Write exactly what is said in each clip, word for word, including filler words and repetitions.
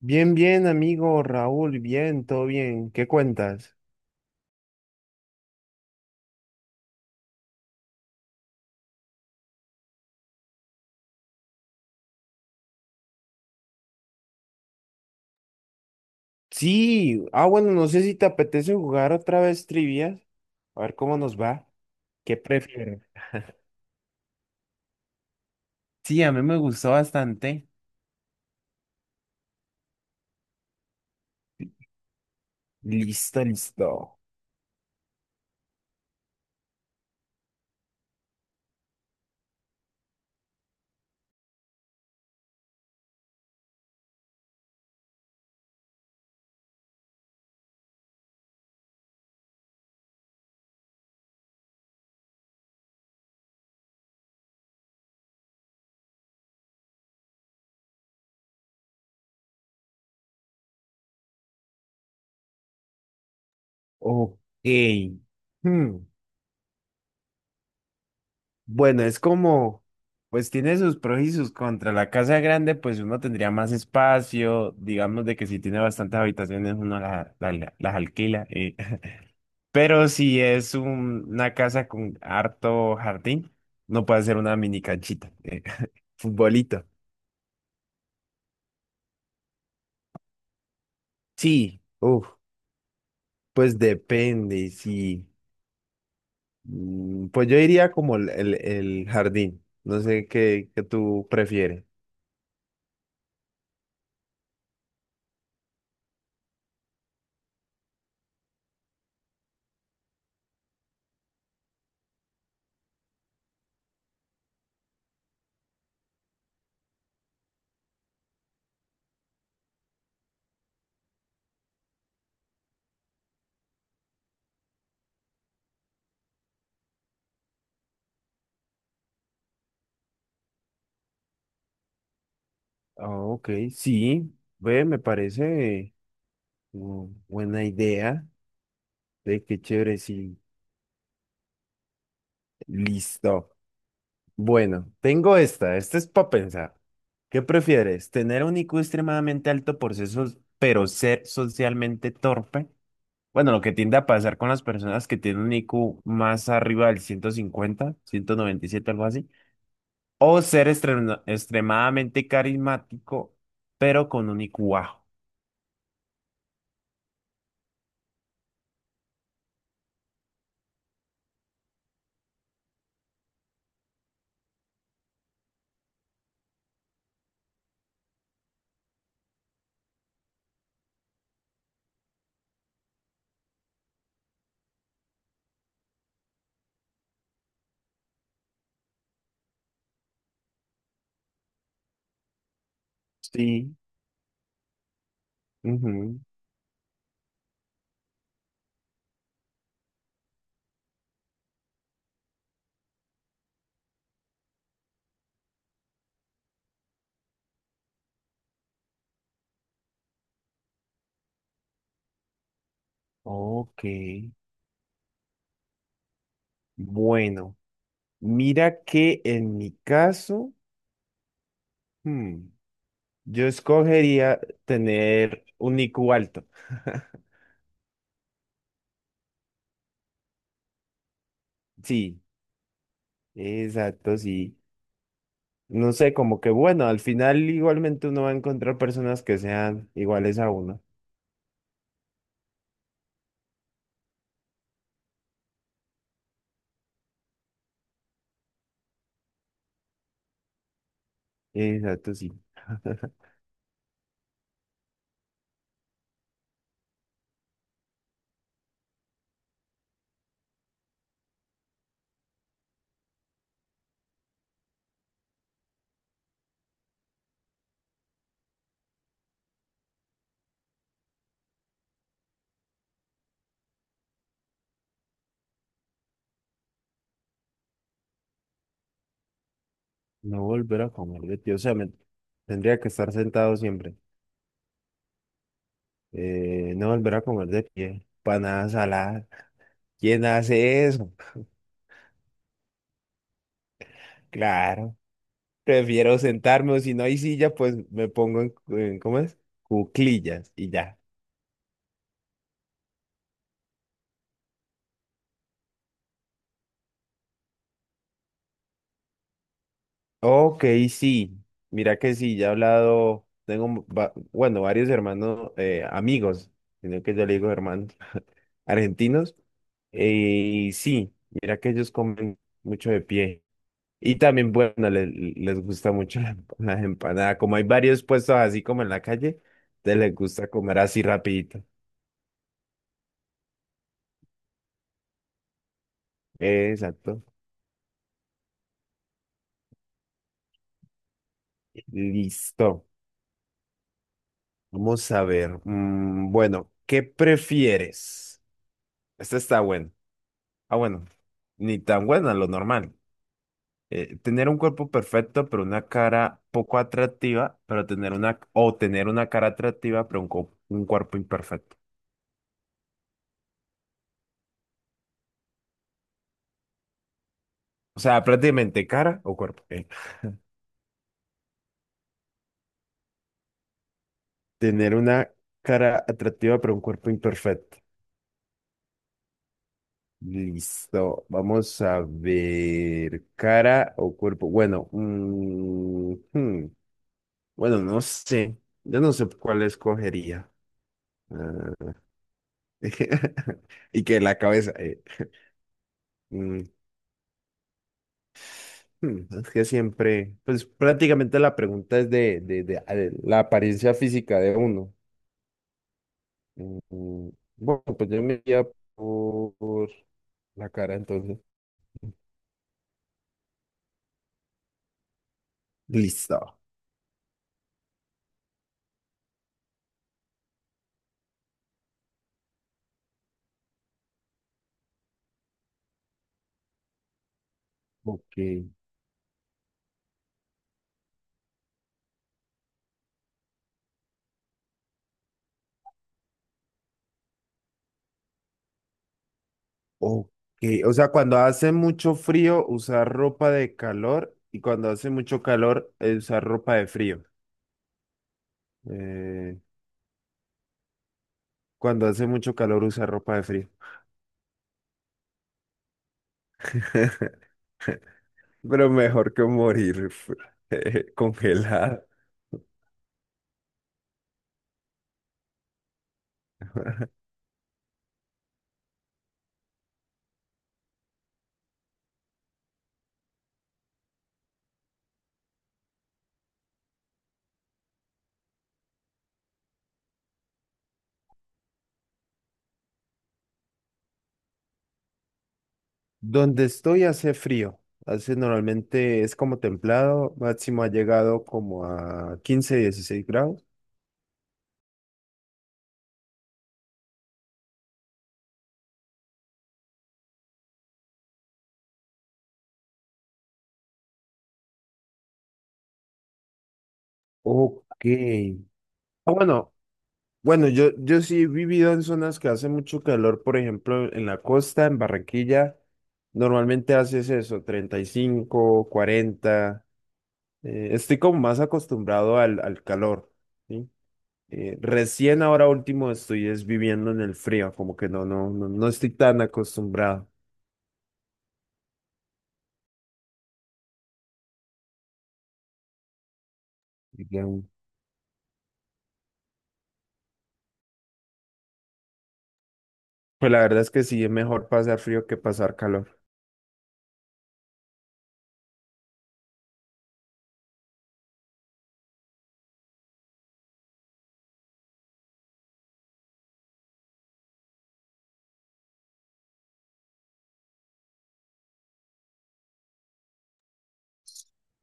Bien, bien, amigo Raúl, bien, todo bien. ¿Qué cuentas? Sí, ah, bueno, no sé si te apetece jugar otra vez trivias. A ver cómo nos va. ¿Qué prefieres? Sí, a mí me gustó bastante. Listo, listo. Ok. Hmm, Bueno, es como, pues tiene sus pros y sus contras. La casa grande, pues uno tendría más espacio. Digamos de que si tiene bastantes habitaciones, uno la- la- la- las alquila. eh, Pero si es un- una casa con harto jardín, no puede ser una mini canchita. eh, futbolito. Sí, uf, pues depende, sí. Mm, Pues yo iría como el, el- el jardín. No sé qué, qué tú prefieres. Ah, ok, sí, ve, me parece mm, buena idea. Ve, qué chévere, sí. Listo. Bueno, tengo esta, esta es para pensar. ¿Qué prefieres? ¿Tener un I Q extremadamente alto por ser, so- pero ser socialmente torpe? Bueno, lo que tiende a pasar con las personas que tienen un I Q más arriba del ciento ciento cincuenta, ciento noventa y siete, algo así. O ser extrema- extremadamente carismático, pero con un I Q bajo. Sí. ujú, Ok. Bueno, mira que en mi caso... hmm, Yo escogería tener un I Q alto. Sí, exacto, sí. No sé, como que bueno, al final igualmente uno va a encontrar personas que sean iguales a uno. Exacto, sí. No volver a comer de pie, o sea, me- tendría que estar sentado siempre. Eh, no volver a comer de pie, panadas saladas. ¿Quién hace eso? Claro, prefiero sentarme o si no hay silla, pues me pongo en, en- ¿cómo es? Cuclillas y ya. Ok, sí. Mira que sí, ya he hablado, tengo, un va- bueno, varios hermanos, eh, amigos, sino que yo le digo hermanos argentinos. eh, Y sí, mira que ellos comen mucho de pie. Y también, bueno, le- les gusta mucho la, la empanada. Como hay varios puestos así como en la calle, te les gusta comer así rapidito. Exacto. Listo. Vamos a ver. Mm, bueno, ¿qué prefieres? Este está bueno. Ah, bueno, ni tan buena, lo normal. Eh, tener un cuerpo perfecto, pero una cara poco atractiva, pero tener una, o tener una cara atractiva, pero un, cu- un cuerpo imperfecto. O sea, prácticamente cara o cuerpo. eh. Tener una cara atractiva, pero un cuerpo imperfecto. Listo, vamos a ver. Cara o cuerpo. Bueno, mm, hmm, bueno, no sé. Yo no sé cuál escogería. Ah, y que la cabeza. eh. mm, Hmm, Es que siempre, pues prácticamente la pregunta es de, de- de- a ver, la apariencia física de uno. Mm, mm, Bueno, pues yo me iría por la cara entonces. Listo. Ok. Ok. O sea, cuando hace mucho frío, usar ropa de calor y cuando hace mucho calor, eh, usar ropa de frío. Eh, Cuando hace mucho calor, usar ropa de frío. Pero mejor que morir congelada. Donde estoy hace frío, hace normalmente es como templado, máximo ha llegado como a quince, dieciséis grados. Ok. Ah, bueno, bueno, yo, yo sí he vivido en zonas que hace mucho calor, por ejemplo, en la costa, en Barranquilla, normalmente haces eso, treinta y cinco, cuarenta. Eh, estoy como más acostumbrado al, al calor, ¿sí? Eh, recién ahora último estoy es viviendo en el frío, como que no, no, no, no estoy tan acostumbrado. Ya. Pues la verdad es que sí, es mejor pasar frío que pasar calor.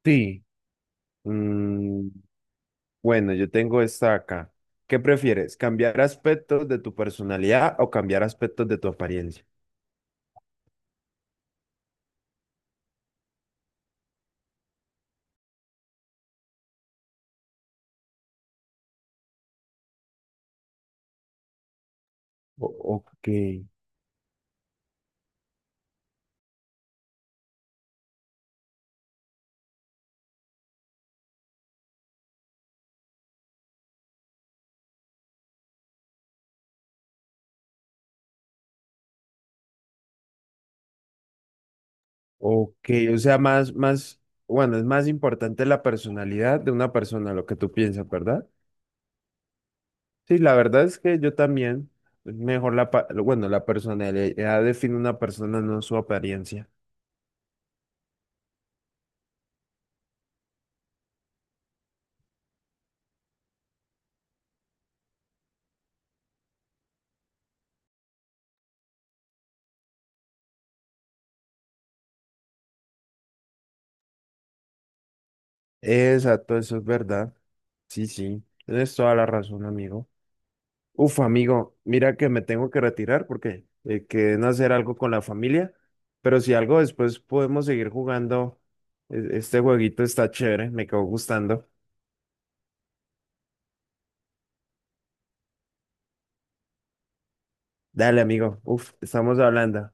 Sí. Mm, bueno, yo tengo esta acá. ¿Qué prefieres? ¿Cambiar aspectos de tu personalidad o cambiar aspectos de tu apariencia? O- ok. Ok, o sea, más, más, bueno, es más importante la personalidad de una persona, lo que tú piensas, ¿verdad? Sí, la verdad es que yo también, mejor la, pa- bueno, la personalidad define una persona, no su apariencia. Exacto, eso es verdad. Sí, sí, tienes toda la razón, amigo. Uf, amigo, mira que me tengo que retirar porque eh, quedé en hacer algo con la familia, pero si algo después podemos seguir jugando, E- este jueguito está chévere, me quedó gustando. Dale, amigo. Uf, estamos hablando.